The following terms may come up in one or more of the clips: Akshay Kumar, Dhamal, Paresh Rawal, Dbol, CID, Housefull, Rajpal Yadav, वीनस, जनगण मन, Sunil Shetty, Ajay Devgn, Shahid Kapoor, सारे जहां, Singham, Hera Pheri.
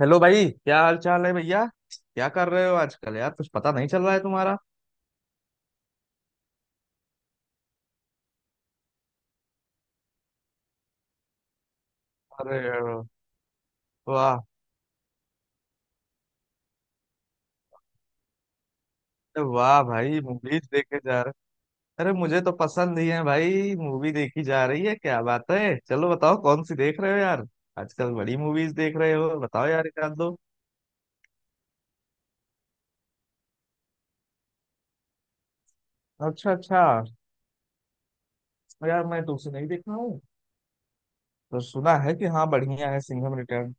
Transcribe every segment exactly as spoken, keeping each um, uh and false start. Hello भाई, क्या हाल चाल है भैया। क्या कर रहे हो आजकल यार, कुछ पता नहीं चल रहा है तुम्हारा। अरे वाह। अरे वाह भाई, मूवीज देखे जा रहे। अरे मुझे तो पसंद ही है भाई, मूवी देखी जा रही है, क्या बात है। चलो बताओ कौन सी देख रहे हो यार। आजकल बड़ी मूवीज देख रहे हो, बताओ यार एक आध दो। अच्छा अच्छा। यार मैं तुमसे नहीं देखा हूँ, तो सुना है कि हाँ बढ़िया है सिंघम रिटर्न।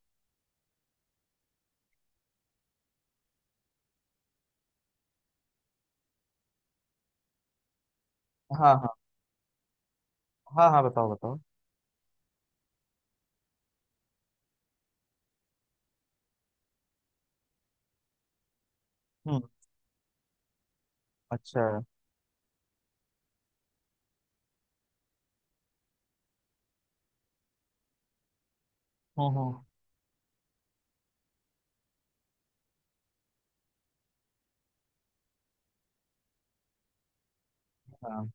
हाँ हाँ। हाँ हाँ, बताओ बताओ। हम्म। अच्छा। हम्म हम्म। हाँ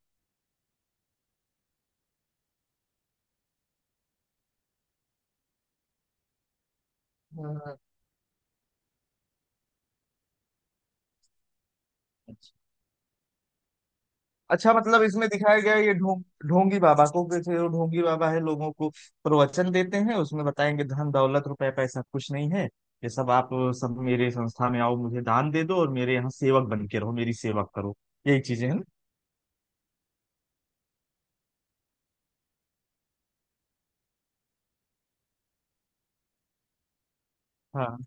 हाँ, अच्छा मतलब इसमें दिखाया गया है ये ढोंग। ढोंगी बाबा को कि थे वो ढोंगी बाबा है, लोगों को प्रवचन देते हैं, उसमें बताएंगे धन दौलत रुपए पैसा कुछ नहीं है। ये सब आप, सब मेरे संस्था में आओ, मुझे दान दे दो और मेरे यहाँ सेवक बन के रहो, मेरी सेवा करो। यही चीजें हैं ना? हाँ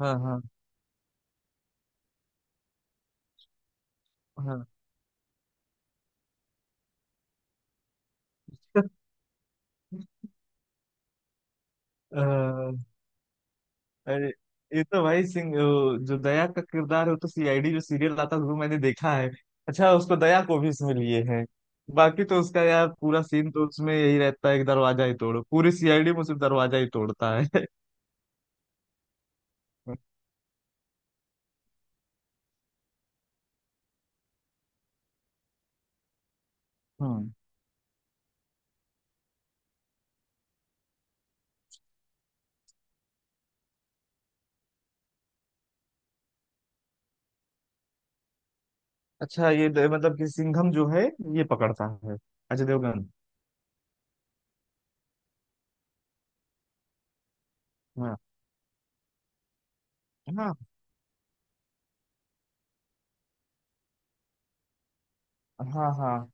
हाँ। हाँ हाँ। अरे, ये तो भाई सिंह वो जो दया का किरदार है वो तो सीआईडी जो सीरियल आता है वो मैंने देखा है। अच्छा, उसको दया को भी इसमें लिए हैं। बाकी तो उसका यार पूरा सीन तो उसमें यही रहता है कि दरवाजा ही तोड़ो, पूरी सीआईडी में सिर्फ दरवाजा ही तोड़ता है। हम्म। अच्छा ये द- मतलब कि सिंघम जो है, ये पकड़ता है, अजय देवगन। हाँ हाँ। हाँ हाँ।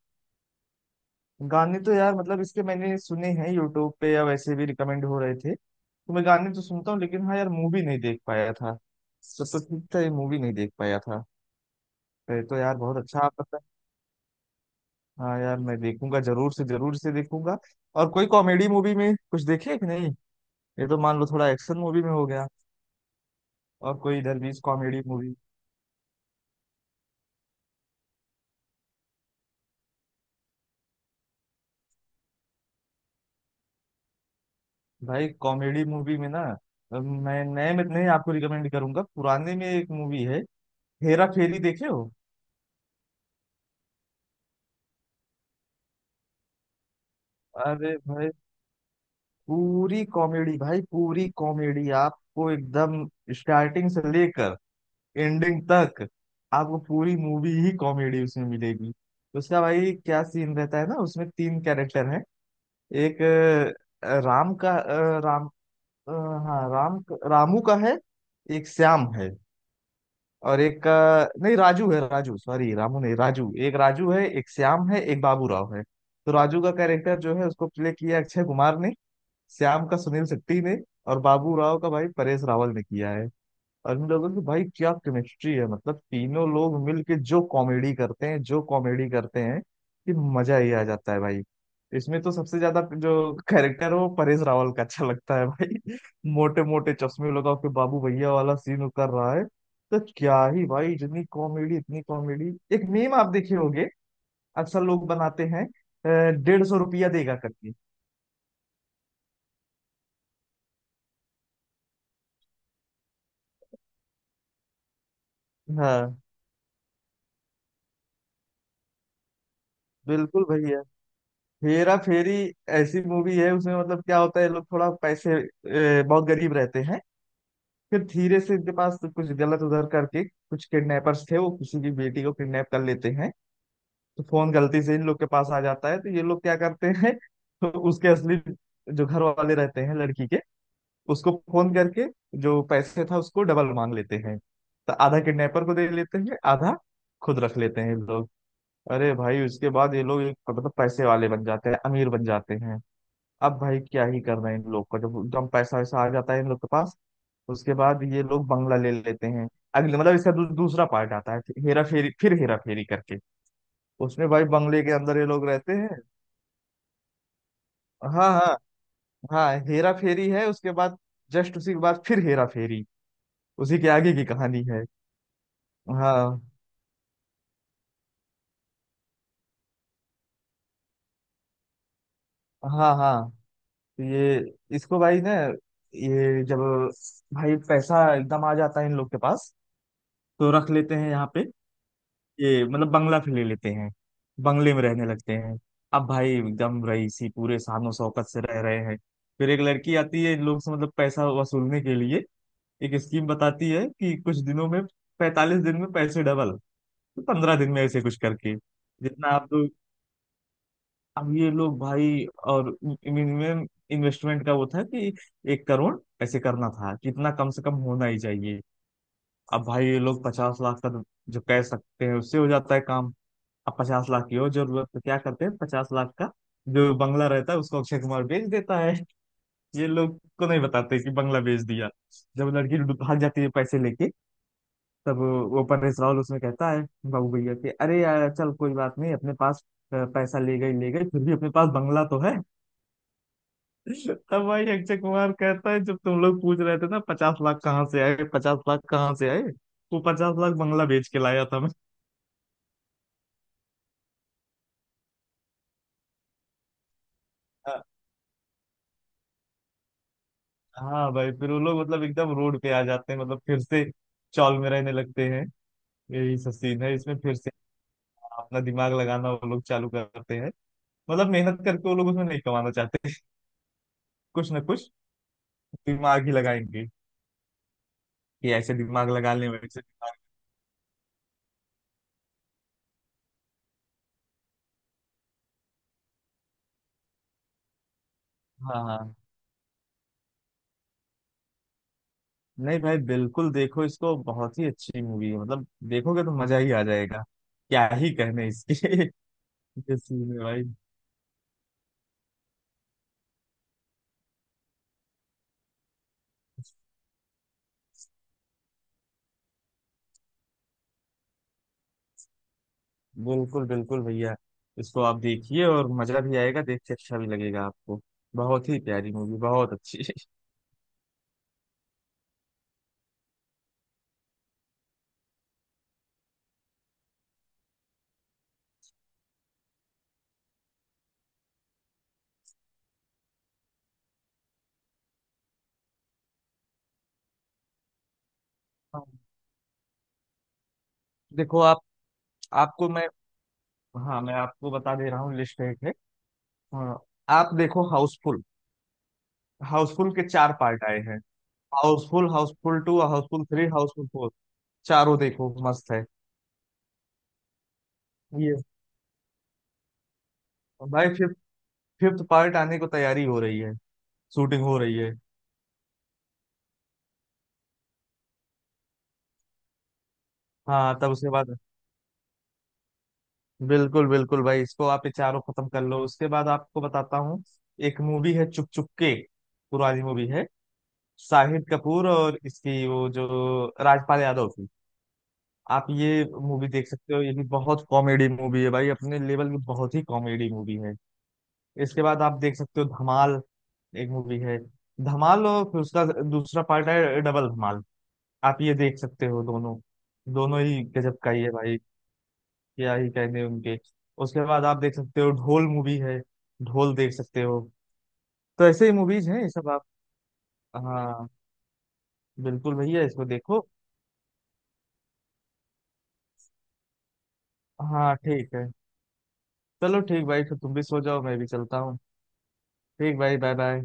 गाने तो यार मतलब इसके मैंने सुने हैं यूट्यूब पे, या वैसे भी रिकमेंड हो रहे थे तो मैं गाने तो सुनता हूँ, लेकिन हाँ यार मूवी नहीं देख पाया था। सब तो ठीक था, ये मूवी नहीं देख पाया था। तो, तो यार बहुत अच्छा आप पता। हाँ यार मैं देखूंगा, जरूर से जरूर से देखूंगा। और कोई कॉमेडी मूवी में कुछ देखे कि नहीं? ये तो मान लो थोड़ा एक्शन मूवी में हो गया। और कोई दरवीश कॉमेडी मूवी। भाई कॉमेडी मूवी में ना, अ, मैं नए में नहीं आपको रिकमेंड करूंगा, पुराने में एक मूवी है, हेरा फेरी देखे हो? अरे भाई, पूरी कॉमेडी भाई, पूरी कॉमेडी आपको, एकदम स्टार्टिंग से लेकर एंडिंग तक आपको पूरी मूवी ही कॉमेडी उसमें मिलेगी। उसका भाई क्या सीन रहता है ना, उसमें तीन कैरेक्टर हैं। एक अ, राम का अ, राम अ, हाँ राम, रामू का है, एक श्याम है और एक का, नहीं राजू है, राजू सॉरी, रामू नहीं राजू, एक राजू है, एक श्याम है, एक बाबू राव है। तो राजू का कैरेक्टर जो है उसको प्ले किया अक्षय कुमार ने, श्याम का सुनील शेट्टी ने, और बाबू राव का भाई परेश रावल ने किया है। और इन लोगों की भाई क्या केमिस्ट्री है, मतलब तीनों लोग मिलके जो कॉमेडी करते हैं जो कॉमेडी करते हैं कि मजा ही आ जाता है भाई। इसमें तो सबसे ज्यादा जो कैरेक्टर है वो परेश रावल का अच्छा लगता है भाई। मोटे मोटे चश्मे लगा के बाबू भैया वाला सीन वो कर रहा है, तो क्या ही भाई, इतनी कॉमेडी इतनी कॉमेडी। एक मीम आप देखे होंगे, अक्सर लोग बनाते हैं, अ, डेढ़ सौ रुपया देगा करके। हाँ। बिल्कुल भैया, हेरा फेरी ऐसी मूवी है। उसमें मतलब क्या होता है, ये लोग थोड़ा पैसे, ए, बहुत गरीब रहते हैं। फिर धीरे से इनके पास कुछ गलत उधर करके, कुछ किडनैपर्स थे, वो किसी की बेटी को किडनैप कर लेते हैं। तो फोन गलती से इन लोग के पास आ जाता है, तो ये लोग क्या करते हैं, तो उसके असली जो घर वाले रहते हैं लड़की के, उसको फोन करके जो पैसे था उसको डबल मांग लेते हैं। तो आधा किडनैपर को दे लेते हैं, आधा खुद रख लेते हैं ये लोग। अरे भाई, उसके बाद ये लोग एक मतलब पैसे वाले बन जाते हैं, अमीर बन जाते हैं। अब भाई क्या ही करना है इन लोग को, जब एकदम पैसा वैसा आ जाता है इन लोग के पास, उसके बाद ये लोग बंगला ले लेते हैं। अगले मतलब इसका दू, दूसरा पार्ट आता है, फिर हेरा फेरी, फिर हेरा फेरी करके, उसमें भाई बंगले के अंदर ये लोग रहते हैं। हाँ हाँ। हाँ हेरा फेरी है, उसके बाद जस्ट उसी के बाद फिर हेरा फेरी, उसी के आगे की कहानी है। हाँ हाँ हाँ। तो ये, इसको भाई ना, ये जब भाई पैसा एकदम आ जाता है इन लोग के पास, तो रख लेते हैं यहाँ पे। ये मतलब बंगला फिर ले लेते हैं, बंगले में रहने लगते हैं। अब भाई एकदम रईसी पूरे शान शौकत से रह रहे हैं। फिर एक लड़की आती है इन लोग से मतलब पैसा वसूलने के लिए। एक स्कीम बताती है कि कुछ दिनों में, पैंतालीस दिन में पैसे डबल, तो पंद्रह दिन में ऐसे कुछ करके, जितना आप लोग। अब ये लोग भाई, और मिनिमम इन्वेस्टमेंट का वो था कि एक करोड़ ऐसे करना था, कितना कम से कम होना ही चाहिए। अब भाई ये लोग पचास लाख का तो जो कह सकते हैं उससे हो जाता है काम। अब पचास लाख की हो जरूरत, तो क्या करते हैं, पचास लाख का जो बंगला रहता है उसको अक्षय कुमार बेच देता है। ये लोग को नहीं बताते कि बंगला बेच दिया। जब लड़की भाग जाती है पैसे लेके, तब वो परेश रावल उसमें कहता है बाबू भैया कि अरे यार चल कोई बात नहीं, अपने पास अ, पैसा ले गई ले गई, फिर भी अपने पास बंगला तो है। तब भाई अक्षय कुमार कहता है, जब तुम लोग पूछ रहे थे ना पचास लाख कहाँ से आए, पचास लाख कहाँ से आए, वो पचास लाख बंगला बेच के लाया था। मैं, हाँ भाई, फिर वो लोग मतलब एकदम रोड पे आ जाते हैं, मतलब फिर से चौल में रहने लगते हैं। यही सब सीन है इसमें। फिर से अपना दिमाग लगाना वो लोग चालू करते हैं, मतलब मेहनत करके वो लोग उसमें नहीं कमाना चाहते, कुछ ना कुछ दिमाग ही लगाएंगे कि ऐसे दिमाग लगा लें वैसे दिमाग। हाँ हाँ। नहीं भाई बिल्कुल देखो इसको, बहुत ही अच्छी मूवी है, मतलब देखोगे तो मजा ही आ जाएगा, क्या ही कहने इसके। ये सीन है भाई। बिल्कुल बिल्कुल भैया, इसको आप देखिए और मजा भी आएगा, देख के अच्छा भी लगेगा आपको, बहुत ही प्यारी मूवी, बहुत अच्छी। हाँ। देखो आप, आपको मैं, हाँ मैं आपको बता दे रहा हूँ, लिस्ट एक है। हाँ, आप देखो हाउसफुल। हाउसफुल के चार पार्ट आए हैं, Housefull, Housefull two, Housefull three, Housefull four. चारों देखो मस्त है ये। भाई फिफ्थ, फिफ्थ पार्ट आने को तैयारी हो रही है, शूटिंग हो रही है। हाँ तब उसके बाद, बिल्कुल बिल्कुल भाई, इसको आप ये चारों खत्म कर लो, उसके बाद आपको बताता हूँ। एक मूवी है चुप चुप के, पुरानी मूवी है, शाहिद कपूर और इसकी वो जो राजपाल यादव थी। आप ये मूवी देख सकते हो, ये भी बहुत कॉमेडी मूवी है भाई, अपने लेवल में बहुत ही कॉमेडी मूवी है। इसके बाद आप देख सकते हो धमाल, एक मूवी है धमाल, और फिर उसका दूसरा पार्ट है डबल धमाल। आप ये देख सकते हो दोनों, दोनों ही गजब का ही है भाई, क्या ही कहने उनके। उसके बाद आप देख सकते हो ढोल मूवी है, ढोल देख सकते हो। तो ऐसे ही मूवीज हैं ये सब आप। हाँ बिल्कुल भैया, इसको देखो। हाँ ठीक है, चलो ठीक भाई, फिर तुम भी सो जाओ, मैं भी चलता हूँ। ठीक भाई, बाय बाय।